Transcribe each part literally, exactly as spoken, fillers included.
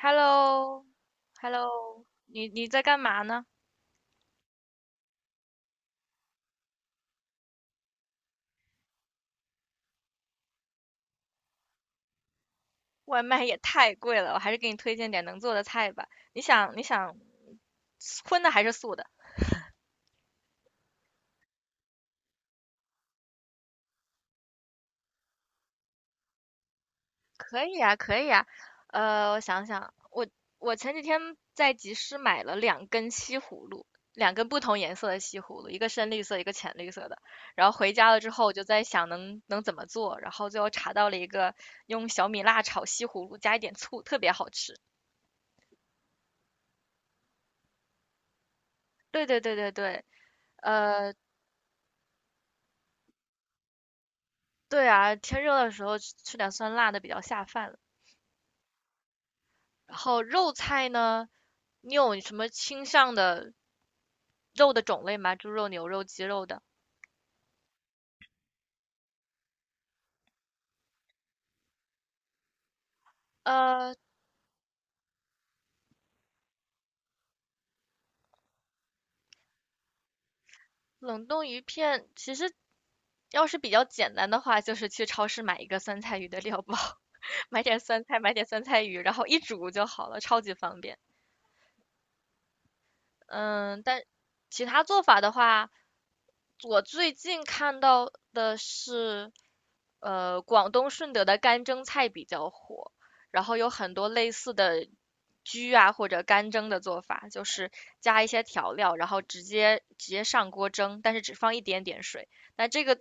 h e l l o h e l l o 你你在干嘛呢？外卖也太贵了，我还是给你推荐点能做的菜吧。你想你想荤的还是素的？可以啊，可以啊，呃，我想想，我我前几天在集市买了两根西葫芦，两根不同颜色的西葫芦，一个深绿色，一个浅绿色的。然后回家了之后，我就在想能能怎么做，然后最后查到了一个用小米辣炒西葫芦，加一点醋，特别好吃。对对对对对，呃，对啊，天热的时候吃吃点酸辣的比较下饭了。然后肉菜呢，你有什么倾向的肉的种类吗？猪肉、牛肉、鸡肉的？呃，冷冻鱼片其实要是比较简单的话，就是去超市买一个酸菜鱼的料包，买点酸菜，买点酸菜鱼，然后一煮就好了，超级方便。嗯，但其他做法的话，我最近看到的是呃，广东顺德的干蒸菜比较火，然后有很多类似的焗啊或者干蒸的做法，就是加一些调料，然后直接直接上锅蒸，但是只放一点点水。那这个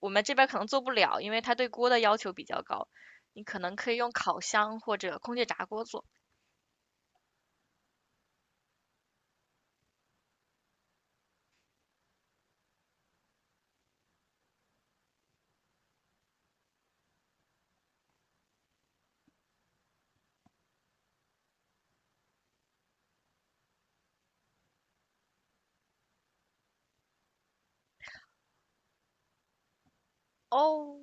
我们这边可能做不了，因为它对锅的要求比较高，你可能可以用烤箱或者空气炸锅做。哦，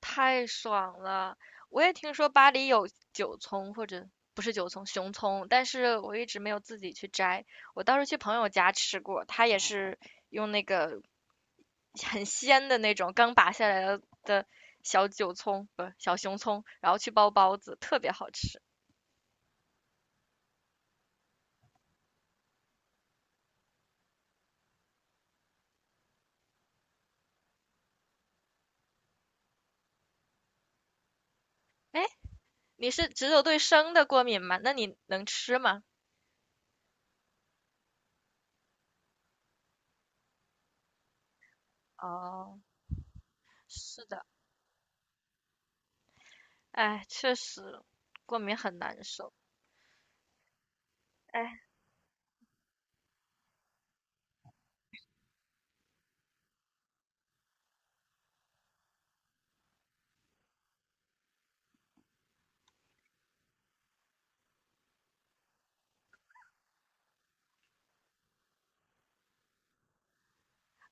太爽了！我也听说巴黎有韭葱，或者不是韭葱，熊葱，但是我一直没有自己去摘。我倒是去朋友家吃过，他也是用那个很鲜的那种刚拔下来的的小韭葱，不是小熊葱，然后去包包子，特别好吃。哎，你是只有对生的过敏吗？那你能吃吗？哦，是的，哎，确实，过敏很难受。哎，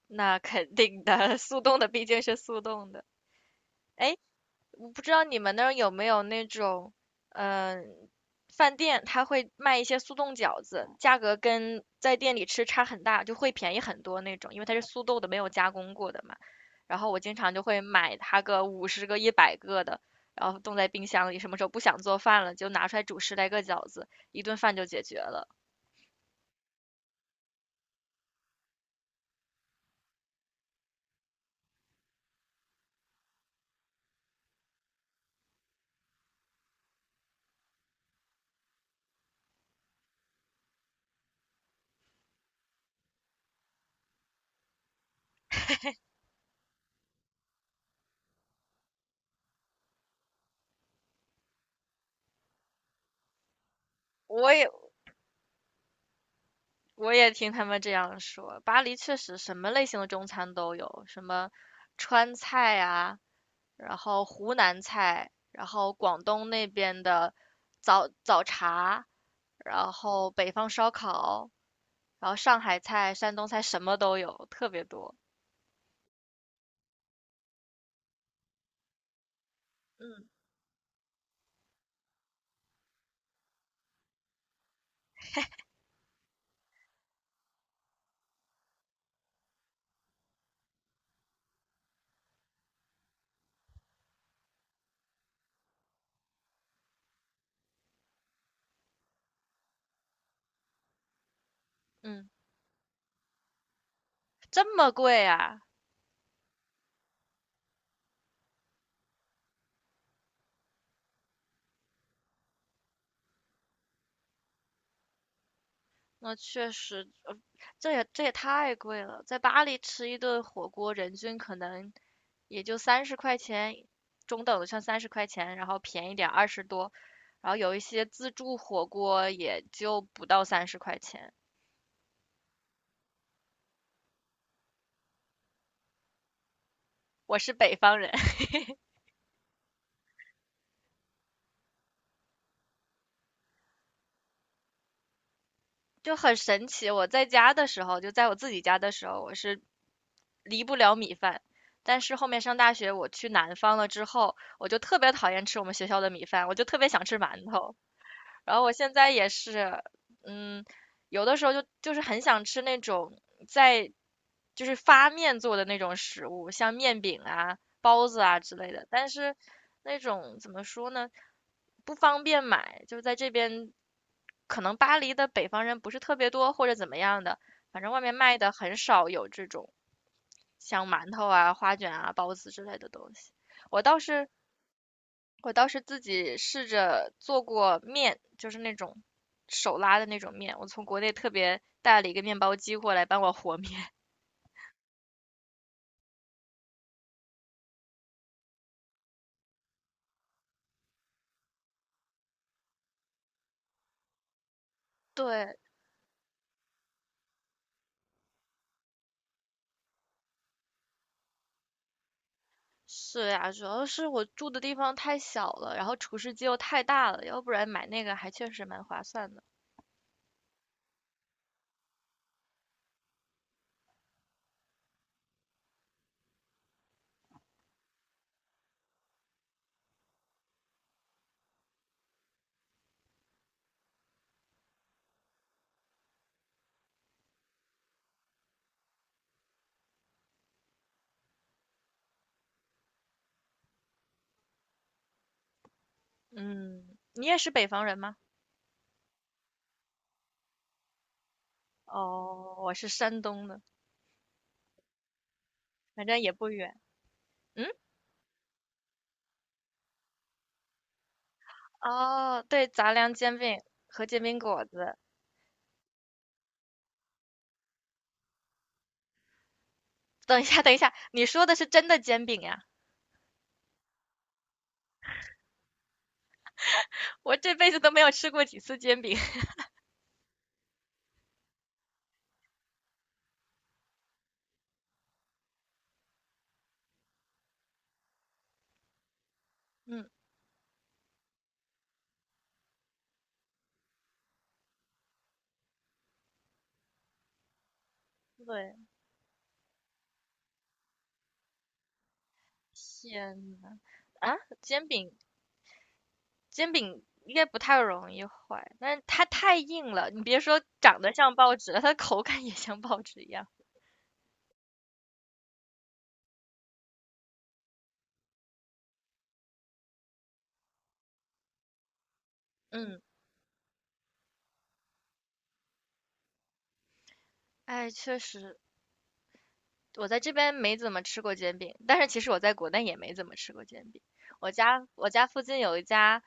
那肯定的，速冻的毕竟是速冻的。哎，我不知道你们那儿有没有那种，嗯、饭店它会卖一些速冻饺子，价格跟在店里吃差很大，就会便宜很多那种，因为它是速冻的，没有加工过的嘛。然后我经常就会买它个五十个、一百个的，然后冻在冰箱里，什么时候不想做饭了，就拿出来煮十来个饺子，一顿饭就解决了。我也我也听他们这样说，巴黎确实什么类型的中餐都有，什么川菜啊。然后湖南菜，然后广东那边的早早茶，然后北方烧烤，然后上海菜、山东菜什么都有，特别多。嗯嗯，这么贵啊？那确实，呃这也这也太贵了。在巴黎吃一顿火锅，人均可能也就三十块钱，中等的像三十块钱，然后便宜点二十多，然后有一些自助火锅也就不到三十块钱。我是北方人。就很神奇。我在家的时候，就在我自己家的时候，我是离不了米饭。但是后面上大学，我去南方了之后，我就特别讨厌吃我们学校的米饭，我就特别想吃馒头。然后我现在也是，嗯，有的时候就就是很想吃那种在就是发面做的那种食物，像面饼啊、包子啊之类的。但是那种怎么说呢，不方便买，就是在这边可能巴黎的北方人不是特别多，或者怎么样的，反正外面卖的很少有这种像馒头啊、花卷啊、包子之类的东西。我倒是我倒是自己试着做过面，就是那种手拉的那种面。我从国内特别带了一个面包机过来帮我和面。对，是呀，主要是我住的地方太小了，然后厨师机又太大了，要不然买那个还确实蛮划算的。嗯，你也是北方人吗？哦，我是山东的。反正也不远。嗯，哦，对，杂粮煎饼和煎饼果子。等一下，等一下，你说的是真的煎饼呀？我这辈子都没有吃过几次煎饼。嗯，对，天呐，啊，煎饼，煎饼应该不太容易坏，但是它太硬了。你别说长得像报纸了，它的口感也像报纸一样。嗯，哎，确实，我在这边没怎么吃过煎饼，但是其实我在国内也没怎么吃过煎饼。我家我家附近有一家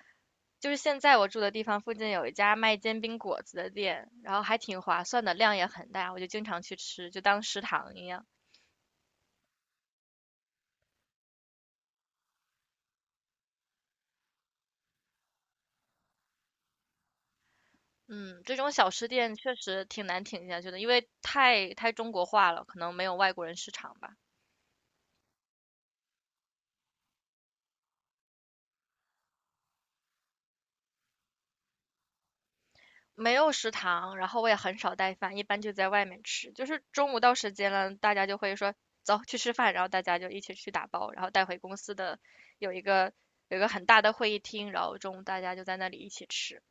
就是现在我住的地方附近有一家卖煎饼果子的店，然后还挺划算的，量也很大，我就经常去吃，就当食堂一样。嗯，这种小吃店确实挺难挺下去的，因为太太中国化了，可能没有外国人市场吧。没有食堂，然后我也很少带饭，一般就在外面吃。就是中午到时间了，大家就会说走去吃饭，然后大家就一起去打包，然后带回公司的有一个有一个很大的会议厅，然后中午大家就在那里一起吃。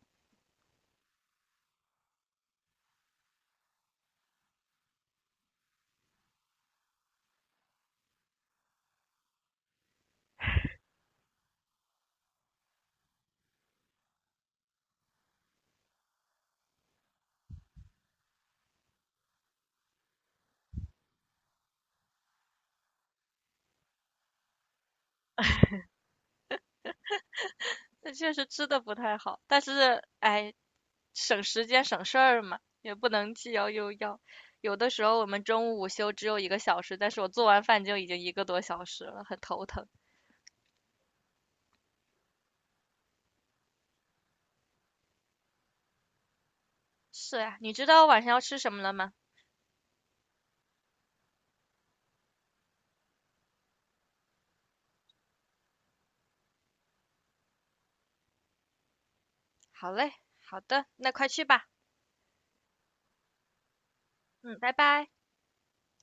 那确实吃的不太好，但是哎，省时间省事儿嘛，也不能既要又要。有的时候我们中午午休只有一个小时，但是我做完饭就已经一个多小时了，很头疼。是呀，你知道我晚上要吃什么了吗？好嘞，好的，那快去吧。嗯，拜拜。